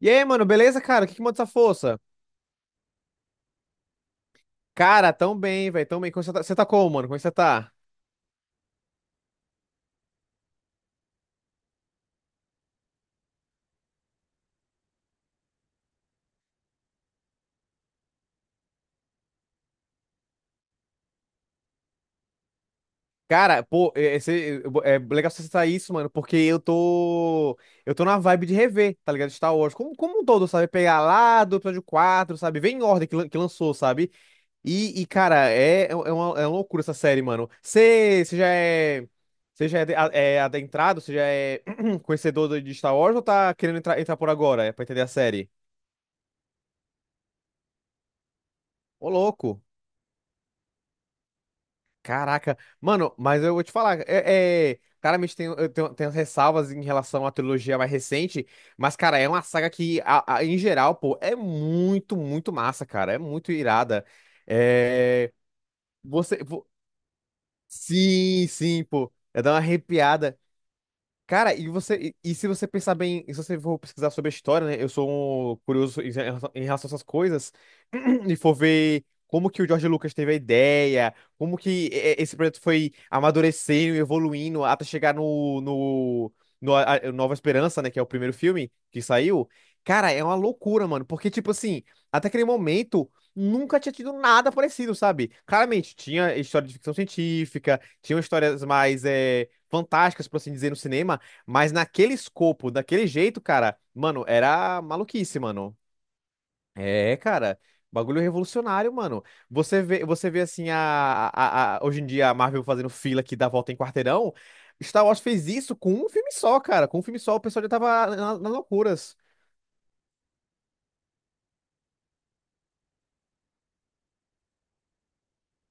E aí, mano, beleza, cara? O que que manda essa força? Cara, tão bem, velho, tão bem. Como você tá como, mano? Como é que você tá? Cara, pô, é legal você citar isso, mano, porque eu tô. Eu tô na vibe de rever, tá ligado? Star Wars. Como um todo, sabe? Pegar lá do episódio 4, sabe? Vem em ordem que lançou, sabe? E, cara, é, é, um, é uma loucura essa série, mano. Você já é. É adentrado? Você já é conhecedor de Star Wars ou tá querendo entrar, entrar por agora? É pra entender a série? Ô, louco. Caraca, mano, mas eu vou te falar, claramente tenho as ressalvas em relação à trilogia mais recente, mas, cara, é uma saga que em geral, pô, é muito, muito massa, cara, é muito irada. É, você, vo- sim, sim, pô, é dar uma arrepiada. Cara, e se você pensar bem, se você for pesquisar sobre a história, né? Eu sou um curioso em relação a essas coisas, e for ver como que o George Lucas teve a ideia, como que esse projeto foi amadurecendo e evoluindo até chegar no Nova Esperança, né? Que é o primeiro filme que saiu. Cara, é uma loucura, mano, porque, tipo assim, até aquele momento. Nunca tinha tido nada parecido, sabe? Claramente, tinha história de ficção científica, tinham histórias mais fantásticas, por assim dizer, no cinema. Mas naquele escopo, daquele jeito, cara, mano, era maluquice, mano. É, cara, bagulho revolucionário, mano. Você vê assim, hoje em dia a Marvel fazendo fila que dá volta em quarteirão. Star Wars fez isso com um filme só, cara. Com um filme só, o pessoal já tava nas loucuras.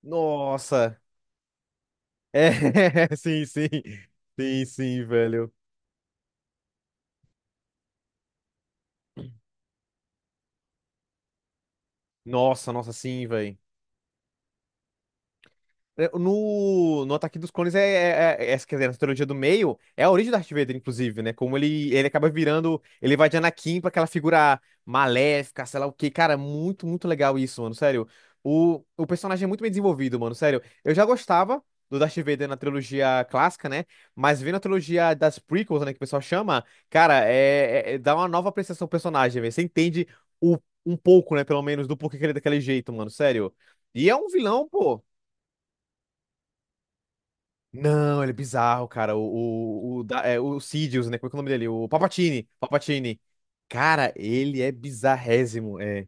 Nossa. É, sim, sim. Sim, sim, velho. Nossa, nossa, sim, velho. É, no Ataque dos Clones quer dizer, na trilogia do meio, é a origem do Darth Vader, inclusive, né? Como ele acaba virando, ele vai de Anakin pra aquela figura maléfica, sei lá o quê. Cara, muito, muito legal isso, mano, sério. O personagem é muito bem desenvolvido, mano, sério. Eu já gostava do Darth Vader na trilogia clássica, né? Mas vendo a trilogia das prequels, né, que o pessoal chama, cara, dá uma nova apreciação ao personagem, velho. Você entende o, um pouco, né, pelo menos, do porquê que ele é daquele jeito, mano, sério. E é um vilão, pô. Não, ele é bizarro, cara. O Sidious, né? Como é que é o nome dele? O Palpatine. Palpatine. Cara, ele é bizarrésimo. É.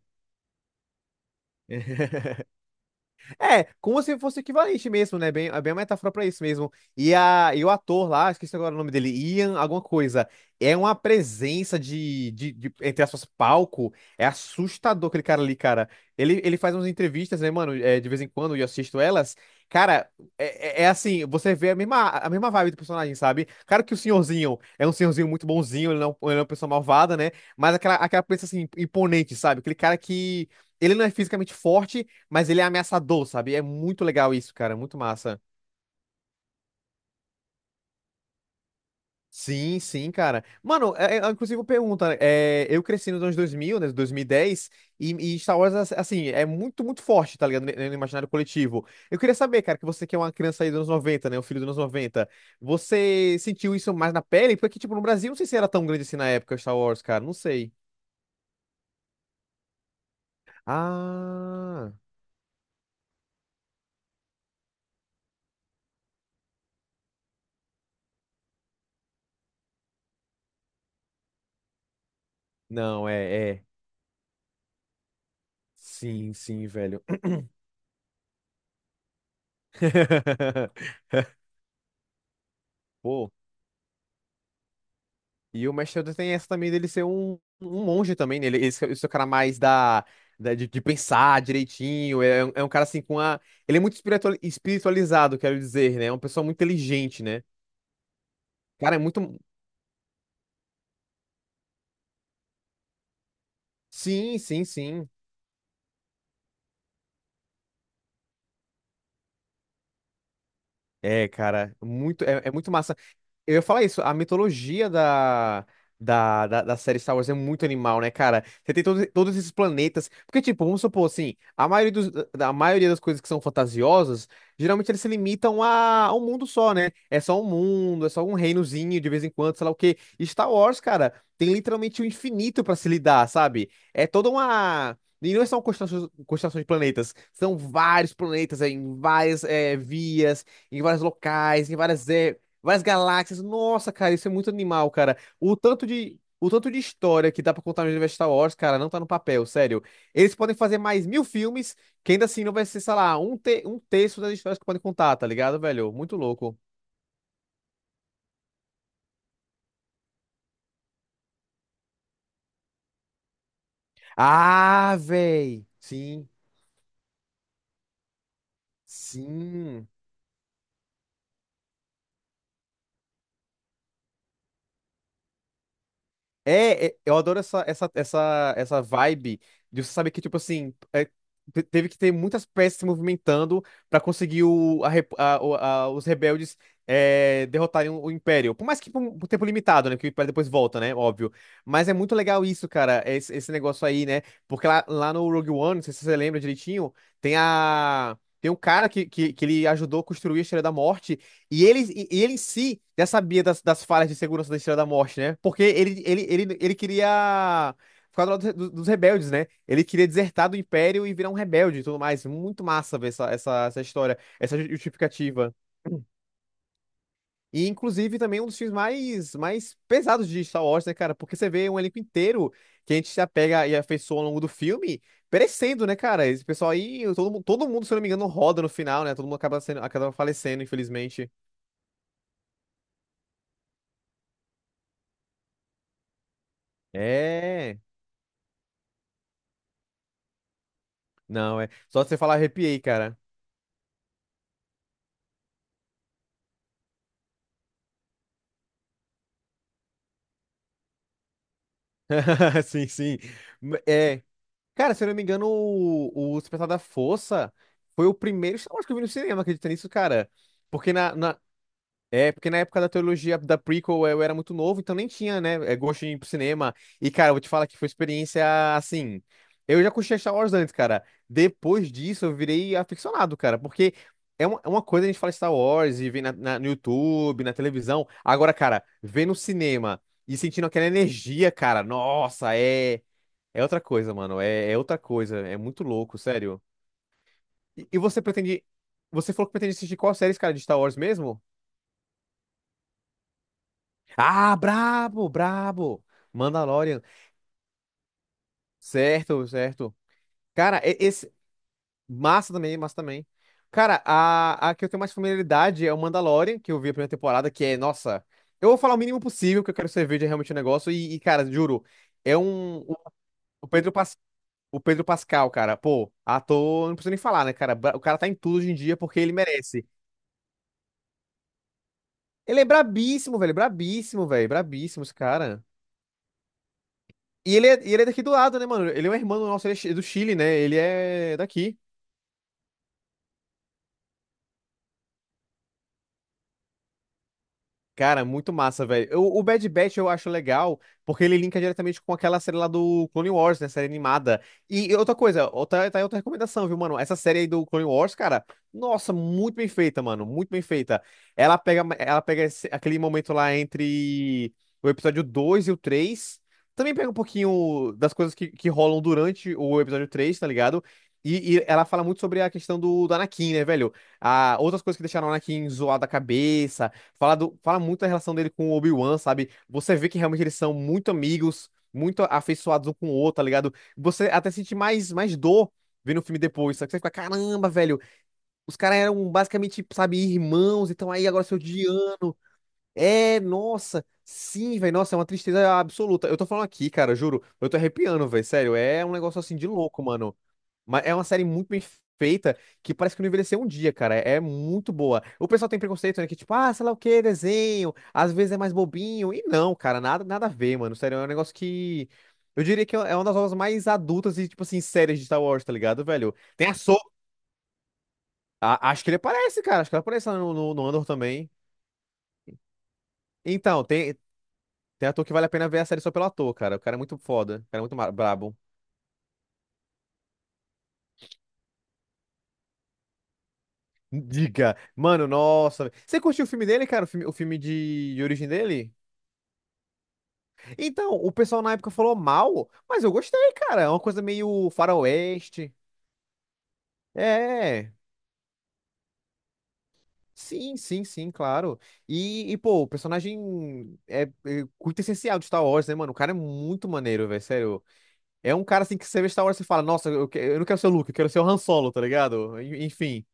É, como se fosse equivalente mesmo, né? Bem, é bem uma metáfora pra isso mesmo. E o ator lá, esqueci agora o nome dele, Ian alguma coisa, é uma presença de entre aspas, palco. É assustador aquele cara ali, cara. Ele faz umas entrevistas, né, mano? É, de vez em quando, e eu assisto elas. Cara, é assim, você vê a mesma vibe do personagem, sabe? Claro que o senhorzinho é um senhorzinho muito bonzinho, ele não é uma pessoa malvada, né? Mas aquela presença, assim, imponente, sabe? Aquele cara que... Ele não é fisicamente forte, mas ele é ameaçador, sabe? É muito legal isso, cara. Muito massa. Sim, sim, cara. Mano, inclusive pergunta, eu cresci nos anos 2000, né, 2010. E Star Wars, assim, é muito, muito forte, tá ligado? No imaginário coletivo. Eu queria saber, cara, que você que é uma criança aí dos anos 90, né, um filho dos anos 90, você sentiu isso mais na pele? Porque, tipo, no Brasil, não sei se era tão grande assim na época, Star Wars, cara, não sei. Ah, não, é, é. Sim, sim, velho. Pô. E o Mash Elder tem essa também dele ser um, um monge também, né? Esse é o cara mais de pensar direitinho. É um cara assim com a. Ele é muito espiritual espiritualizado, quero dizer, né? É uma pessoa muito inteligente, né? Cara, é muito. Sim, sim, sim. É, cara, muito, é muito massa. Eu ia falar isso, a mitologia da série Star Wars é muito animal, né, cara? Você tem todos esses planetas. Porque, tipo, vamos supor assim, a maioria das coisas que são fantasiosas, geralmente eles se limitam a um mundo só, né? É só um mundo, é só um reinozinho de vez em quando, sei lá o quê. E Star Wars, cara, tem literalmente o infinito pra se lidar, sabe? É toda uma. E não são constelações, constelações de planetas, são vários planetas em em vários locais, em várias galáxias. Nossa, cara, isso é muito animal, cara. O tanto de. O tanto de história que dá pra contar no universo Star Wars, cara, não tá no papel, sério. Eles podem fazer mais 1.000 filmes, que ainda assim não vai ser, sei lá, um, te um terço das histórias que podem contar, tá ligado, velho? Muito louco. Ah, véi. Sim, sim. É, é, eu adoro essa vibe de você saber que, tipo assim, teve que ter muitas peças se movimentando pra conseguir o, a rep- a- o- a- os rebeldes derrotarem o Império. Por mais que por um por tempo limitado, né? Que o Império depois volta, né? Óbvio. Mas é muito legal isso, cara, esse negócio aí, né? Porque lá no Rogue One, não sei se você lembra direitinho, tem a. Tem um cara que ele ajudou a construir a Estrela da Morte. E ele em si já sabia das falhas de segurança da Estrela da Morte, né? Porque ele queria ficar do lado dos rebeldes, né? Ele queria desertar do Império e virar um rebelde e tudo mais. Muito massa ver essa história, essa justificativa. E, inclusive, também um dos filmes mais pesados de Star Wars, né, cara? Porque você vê um elenco inteiro que a gente se apega e afeiçoa ao longo do filme, perecendo, né, cara? Esse pessoal aí, todo mundo, se eu não me engano, roda no final, né? Todo mundo acaba, sendo, acaba falecendo, infelizmente. É. Não, é. Só de você falar arrepiei, cara. Sim, sim. M- É. Cara, se eu não me engano, o Despertar da Força foi o primeiro Star Wars que eu vi no cinema, acredita nisso, cara? Porque é, porque na época da teologia da prequel eu era muito novo, então nem tinha, né, é, gosto de ir pro cinema. E, cara, eu vou te falar que foi experiência assim. Eu já curti Star Wars antes, cara. Depois disso eu virei aficionado, cara, porque é uma coisa a gente fala Star Wars e ver no YouTube, na televisão. Agora, cara, ver no cinema e sentindo aquela energia, cara, nossa, é, é outra coisa, mano. É, é outra coisa. É muito louco, sério. E você pretende. Você falou que pretende assistir qual série, cara, de Star Wars mesmo? Ah, brabo, brabo. Mandalorian. Certo, certo. Cara, e- esse. Massa também, massa também. Cara, a que eu tenho mais familiaridade é o Mandalorian, que eu vi a primeira temporada, que é, nossa. Eu vou falar o mínimo possível, que eu quero que você veja realmente o negócio. Cara, juro, é um. O o Pedro, Pas, o Pedro Pascal, cara, pô, ator, não preciso nem falar, né, cara? Bra- O cara tá em tudo hoje em dia porque ele merece. Ele é brabíssimo, velho, brabíssimo, velho, brabíssimo esse cara. E ele é daqui do lado, né, mano? Ele é um irmão nosso, ele é chi- do Chile, né? Ele é daqui. Cara, muito massa, velho. Eu- O Bad Batch eu acho legal, porque ele linka diretamente com aquela série lá do Clone Wars, né? Série animada. E outra coisa, outra, tá aí outra recomendação, viu, mano? Essa série aí do Clone Wars, cara, nossa, muito bem feita, mano. Muito bem feita. Ela pega aquele momento lá entre o episódio 2 e o três. Também pega um pouquinho das coisas que rolam durante o episódio 3, tá ligado? E ela fala muito sobre a questão do Anakin, né, velho? Ah, outras coisas que deixaram o Anakin zoado da cabeça. Fala muito da relação dele com o Obi-Wan, sabe? Você vê que realmente eles são muito amigos, muito afeiçoados um com o outro, tá ligado? Você até sente mais dor vendo o filme depois, sabe? Você fica, caramba, velho, os caras eram basicamente, sabe, irmãos, então aí agora se odiando. É, nossa, sim, velho, nossa, é uma tristeza absoluta. Eu tô falando aqui, cara, juro, eu tô arrepiando, velho, sério, é um negócio assim de louco, mano. Mas é uma série muito bem feita que parece que não envelheceu um dia, cara. É muito boa. O pessoal tem preconceito, né? Que tipo, ah, sei lá o que, desenho. Às vezes é mais bobinho. E não, cara, nada, nada a ver, mano. Sério, é um negócio que. Eu diria que é uma das obras mais adultas e, tipo assim, séries de Star Wars, tá ligado, velho? Tem a So. A- acho que ele aparece, cara. Acho que ele aparece lá no Andor também. Então, tem, tem ator que vale a pena ver a série só pelo ator, cara. O cara é muito foda. O cara é muito ma- brabo. Diga. Mano, nossa. Você curtiu o filme dele, cara? O filme de origem dele? Então, o pessoal na época falou mal, mas eu gostei, cara. É uma coisa meio faroeste. É. Sim, sim, sim, claro. Pô, o personagem é muito essencial de Star Wars, né, mano? O cara é muito maneiro, velho, sério. É um cara, assim, que você vê Star Wars e fala, nossa, eu não quero ser o Luke, eu quero ser o Han Solo, tá ligado? En- Enfim,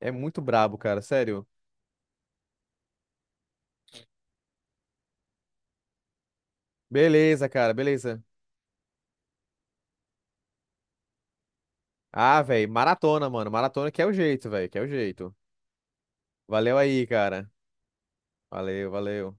é muito brabo, cara, sério. Beleza, cara, beleza. Ah, velho, maratona, mano. Maratona que é o jeito, velho, que é o jeito. Valeu aí, cara. Valeu, valeu.